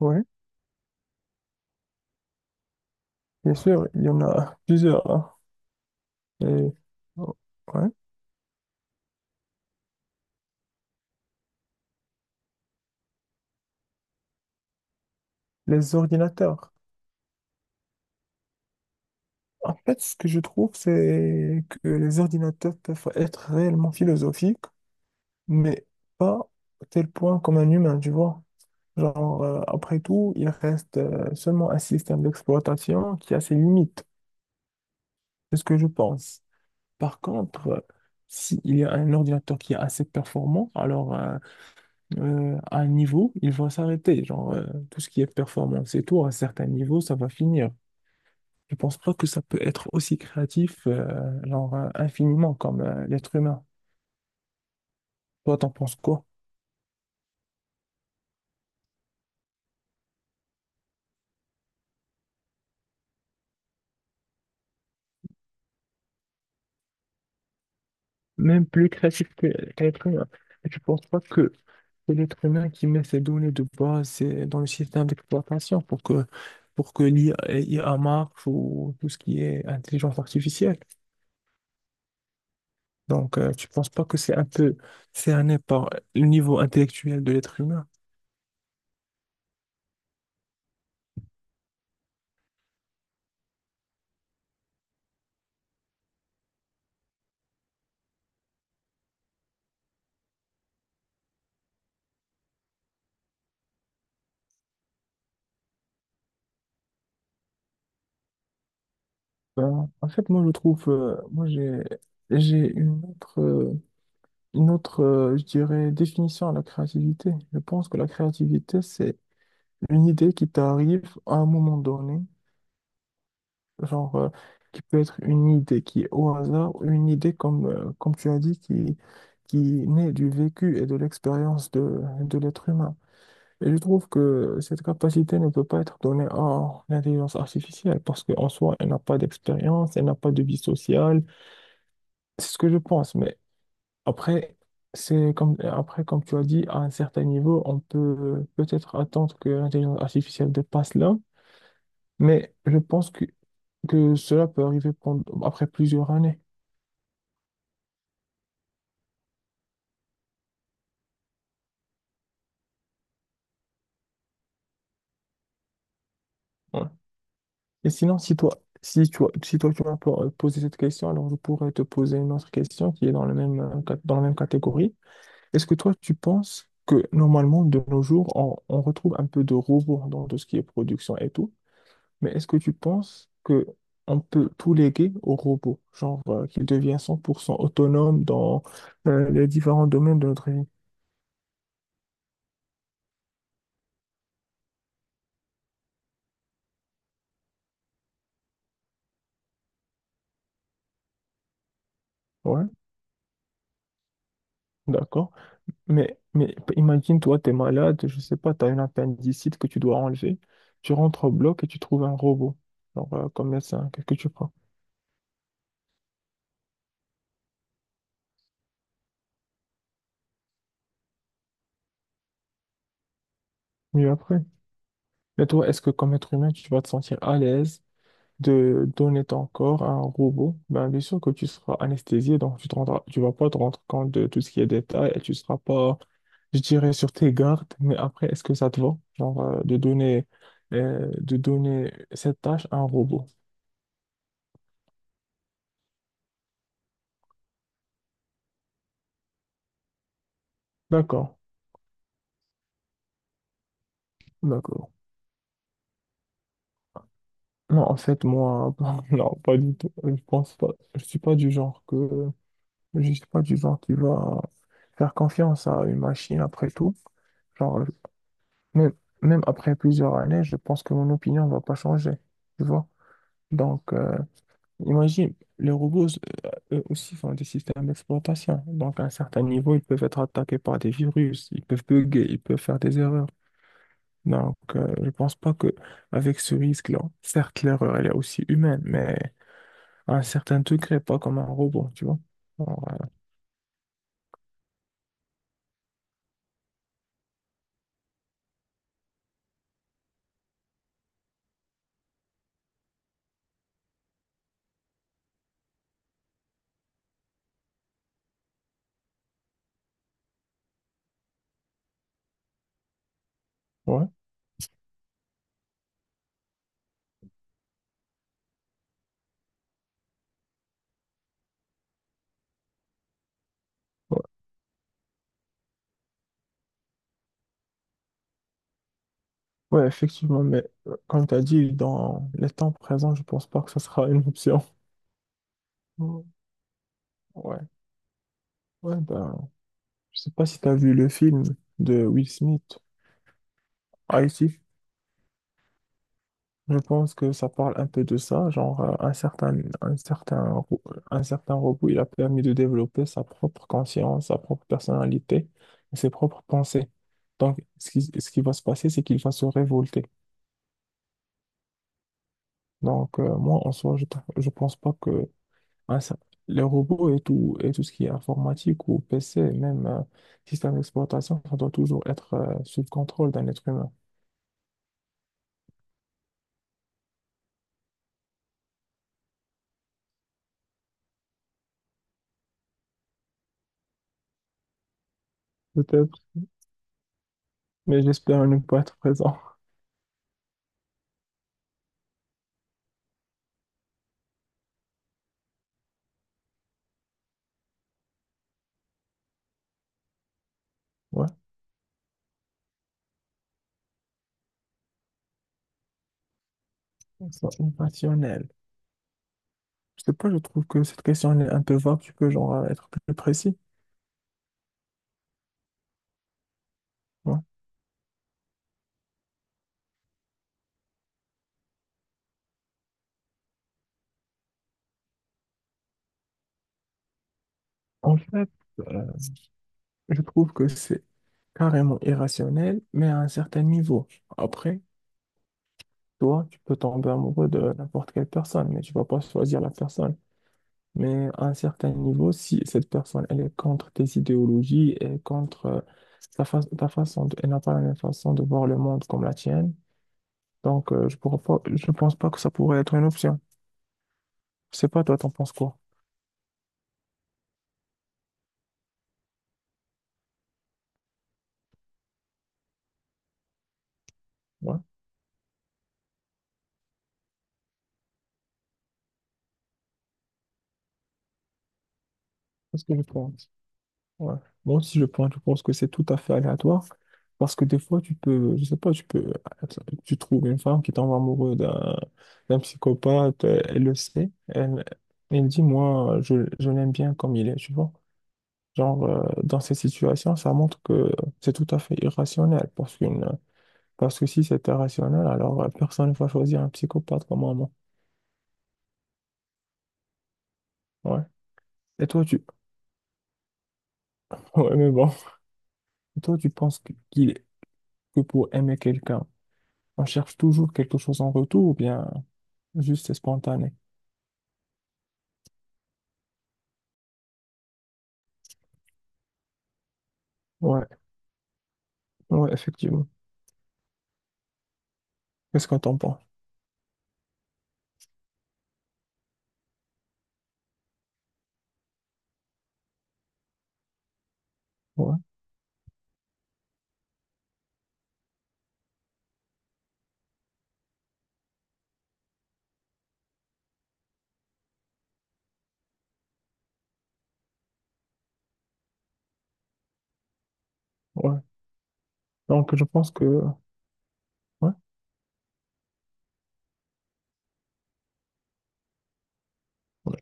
Oui, bien sûr, il y en a plusieurs. Hein. Et, oh, ouais. Les ordinateurs. En fait, ce que je trouve, c'est que les ordinateurs peuvent être réellement philosophiques, mais pas à tel point comme un humain, tu vois. Genre, après tout, il reste seulement un système d'exploitation qui a ses limites, c'est ce que je pense. Par contre, s'il y a un ordinateur qui est assez performant, alors à un niveau, il va s'arrêter. Genre, tout ce qui est performance et tout, à un certain niveau, ça va finir. Je pense pas que ça peut être aussi créatif, genre, infiniment comme l'être humain. Toi, t'en penses quoi? Même plus créatif que l'être humain. Et tu penses pas que c'est l'être humain qui met ses données de base dans le système d'exploitation pour que l'IA marche ou tout ce qui est intelligence artificielle. Donc, tu penses pas que c'est un peu cerné par le niveau intellectuel de l'être humain? Ben, en fait, moi, j'ai une autre, je dirais, définition à la créativité. Je pense que la créativité, c'est une idée qui t'arrive à un moment donné, genre, qui peut être une idée qui est au hasard, ou une idée, comme, comme tu as dit, qui naît du vécu et de l'expérience de l'être humain. Et je trouve que cette capacité ne peut pas être donnée à l'intelligence artificielle parce qu'en soi, elle n'a pas d'expérience, elle n'a pas de vie sociale. C'est ce que je pense. Mais après, c'est comme, après, comme tu as dit, à un certain niveau, on peut peut-être attendre que l'intelligence artificielle dépasse là. Mais je pense que cela peut arriver après plusieurs années. Ouais. Et sinon, si toi, tu m'as posé cette question, alors je pourrais te poser une autre question qui est dans le même, dans la même catégorie. Est-ce que toi, tu penses que normalement, de nos jours, on retrouve un peu de robots dans tout ce qui est production et tout, mais est-ce que tu penses que on peut tout léguer aux robots, genre qu'ils deviennent 100% autonomes dans les différents domaines de notre vie? Ouais, d'accord. Mais imagine, toi, tu es malade, je sais pas, tu as une appendicite que tu dois enlever, tu rentres au bloc et tu trouves un robot, genre comme médecin, qu'est-ce que tu prends? Mieux après. Mais toi, est-ce que comme être humain, tu vas te sentir à l'aise de donner ton corps à un robot, ben bien sûr que tu seras anesthésié, donc tu vas pas te rendre compte de tout ce qui est détail et tu seras pas, je dirais, sur tes gardes. Mais après, est-ce que ça te va, genre, de donner cette tâche à un robot? D'accord, d'accord. Non, en fait, moi, non, pas du tout. Je pense pas. Je suis pas du genre que, je suis pas du genre qui va faire confiance à une machine après tout. Genre, même, même après plusieurs années, je pense que mon opinion ne va pas changer. Tu vois? Donc, imagine, les robots, euh, eux aussi, font des systèmes d'exploitation. Donc, à un certain niveau, ils peuvent être attaqués par des virus, ils peuvent bugger, ils peuvent faire des erreurs. Donc, je pense pas que avec ce risque-là, certes, l'erreur, elle est aussi humaine, mais à un certain degré, pas comme un robot, tu vois? Alors, ouais. Ouais, ouais, effectivement, mais comme tu as dit, dans les temps présents, je pense pas que ce sera une option. Mm. Ouais. Ouais, ben, je sais pas si tu as vu le film de Will Smith, Haïti. Je pense que ça parle un peu de ça, genre un certain, un certain, ro- un certain robot, il a permis de développer sa propre conscience, sa propre personnalité, et ses propres pensées. Donc, ce qui va se passer, c'est qu'il va se révolter. Donc, moi, en soi, je pense pas que un cer- les robots et tout ce qui est informatique ou PC, même système d'exploitation, ça doit toujours être sous le contrôle d'un être humain. Peut-être mais j'espère ne pas être présent. Ouais, on sent irrationnel. Je sais pas, je trouve que cette question elle est un peu vague, tu peux genre être plus précis. Ouais. En fait, euh, je trouve que c'est carrément irrationnel, mais à un certain niveau. Après, toi, tu peux tomber amoureux de n'importe quelle personne, mais tu vas pas choisir la personne. Mais à un certain niveau, si cette personne, elle est contre tes idéologies et contre ta façon de elle n'a pas la même façon de voir le monde comme la tienne, donc, je pourrais pas, je ne pense pas que ça pourrait être une option. Je sais pas, toi, t'en penses quoi? Ouais, c'est ce que je pense. Ouais. Moi aussi, je pense que c'est tout à fait aléatoire. Parce que des fois, tu peux, je sais pas, tu peux, tu trouves une femme qui tombe amoureuse d'un psychopathe, elle le sait, elle, elle dit, moi, je l'aime bien comme il est, tu vois. Genre, dans ces situations, ça montre que c'est tout à fait irrationnel. Parce que si c'est irrationnel, alors personne ne va choisir un psychopathe comme moi. Ouais. Et toi, tu, ouais, mais bon, toi, tu penses que, que pour aimer quelqu'un, on cherche toujours quelque chose en retour ou bien juste c'est spontané? Ouais, ouais, effectivement. Qu'est-ce qu'on t'en pense? Ouais, ouais. Donc, je pense que, ouais, ouais.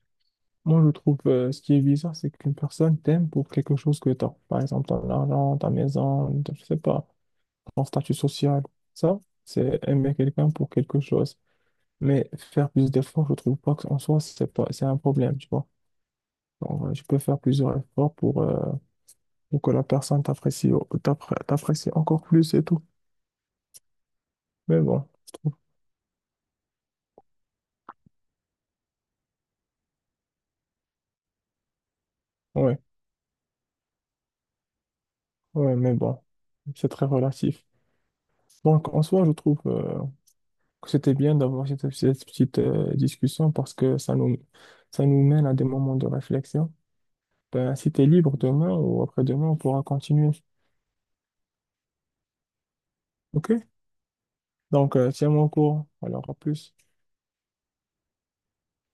Moi, je trouve ce qui est bizarre, c'est qu'une personne t'aime pour quelque chose que t'as. Par exemple, ton argent, ta maison, je sais pas, ton statut social. Ça, c'est aimer quelqu'un pour quelque chose. Mais faire plus d'efforts, je trouve pas qu'en soi, c'est pas, c'est un problème, tu vois. Donc, je peux faire plusieurs efforts pour, ou que la personne t'apprécie encore plus et tout. Mais bon, je trouve, ouais, ouais, mais bon, c'est très relatif. Donc, en soi, je trouve que c'était bien d'avoir cette, cette petite discussion parce que ça nous mène à des moments de réflexion. Ben, si t'es libre demain ou après-demain, on pourra continuer. OK? Donc, tiens-moi au courant. Alors, à plus.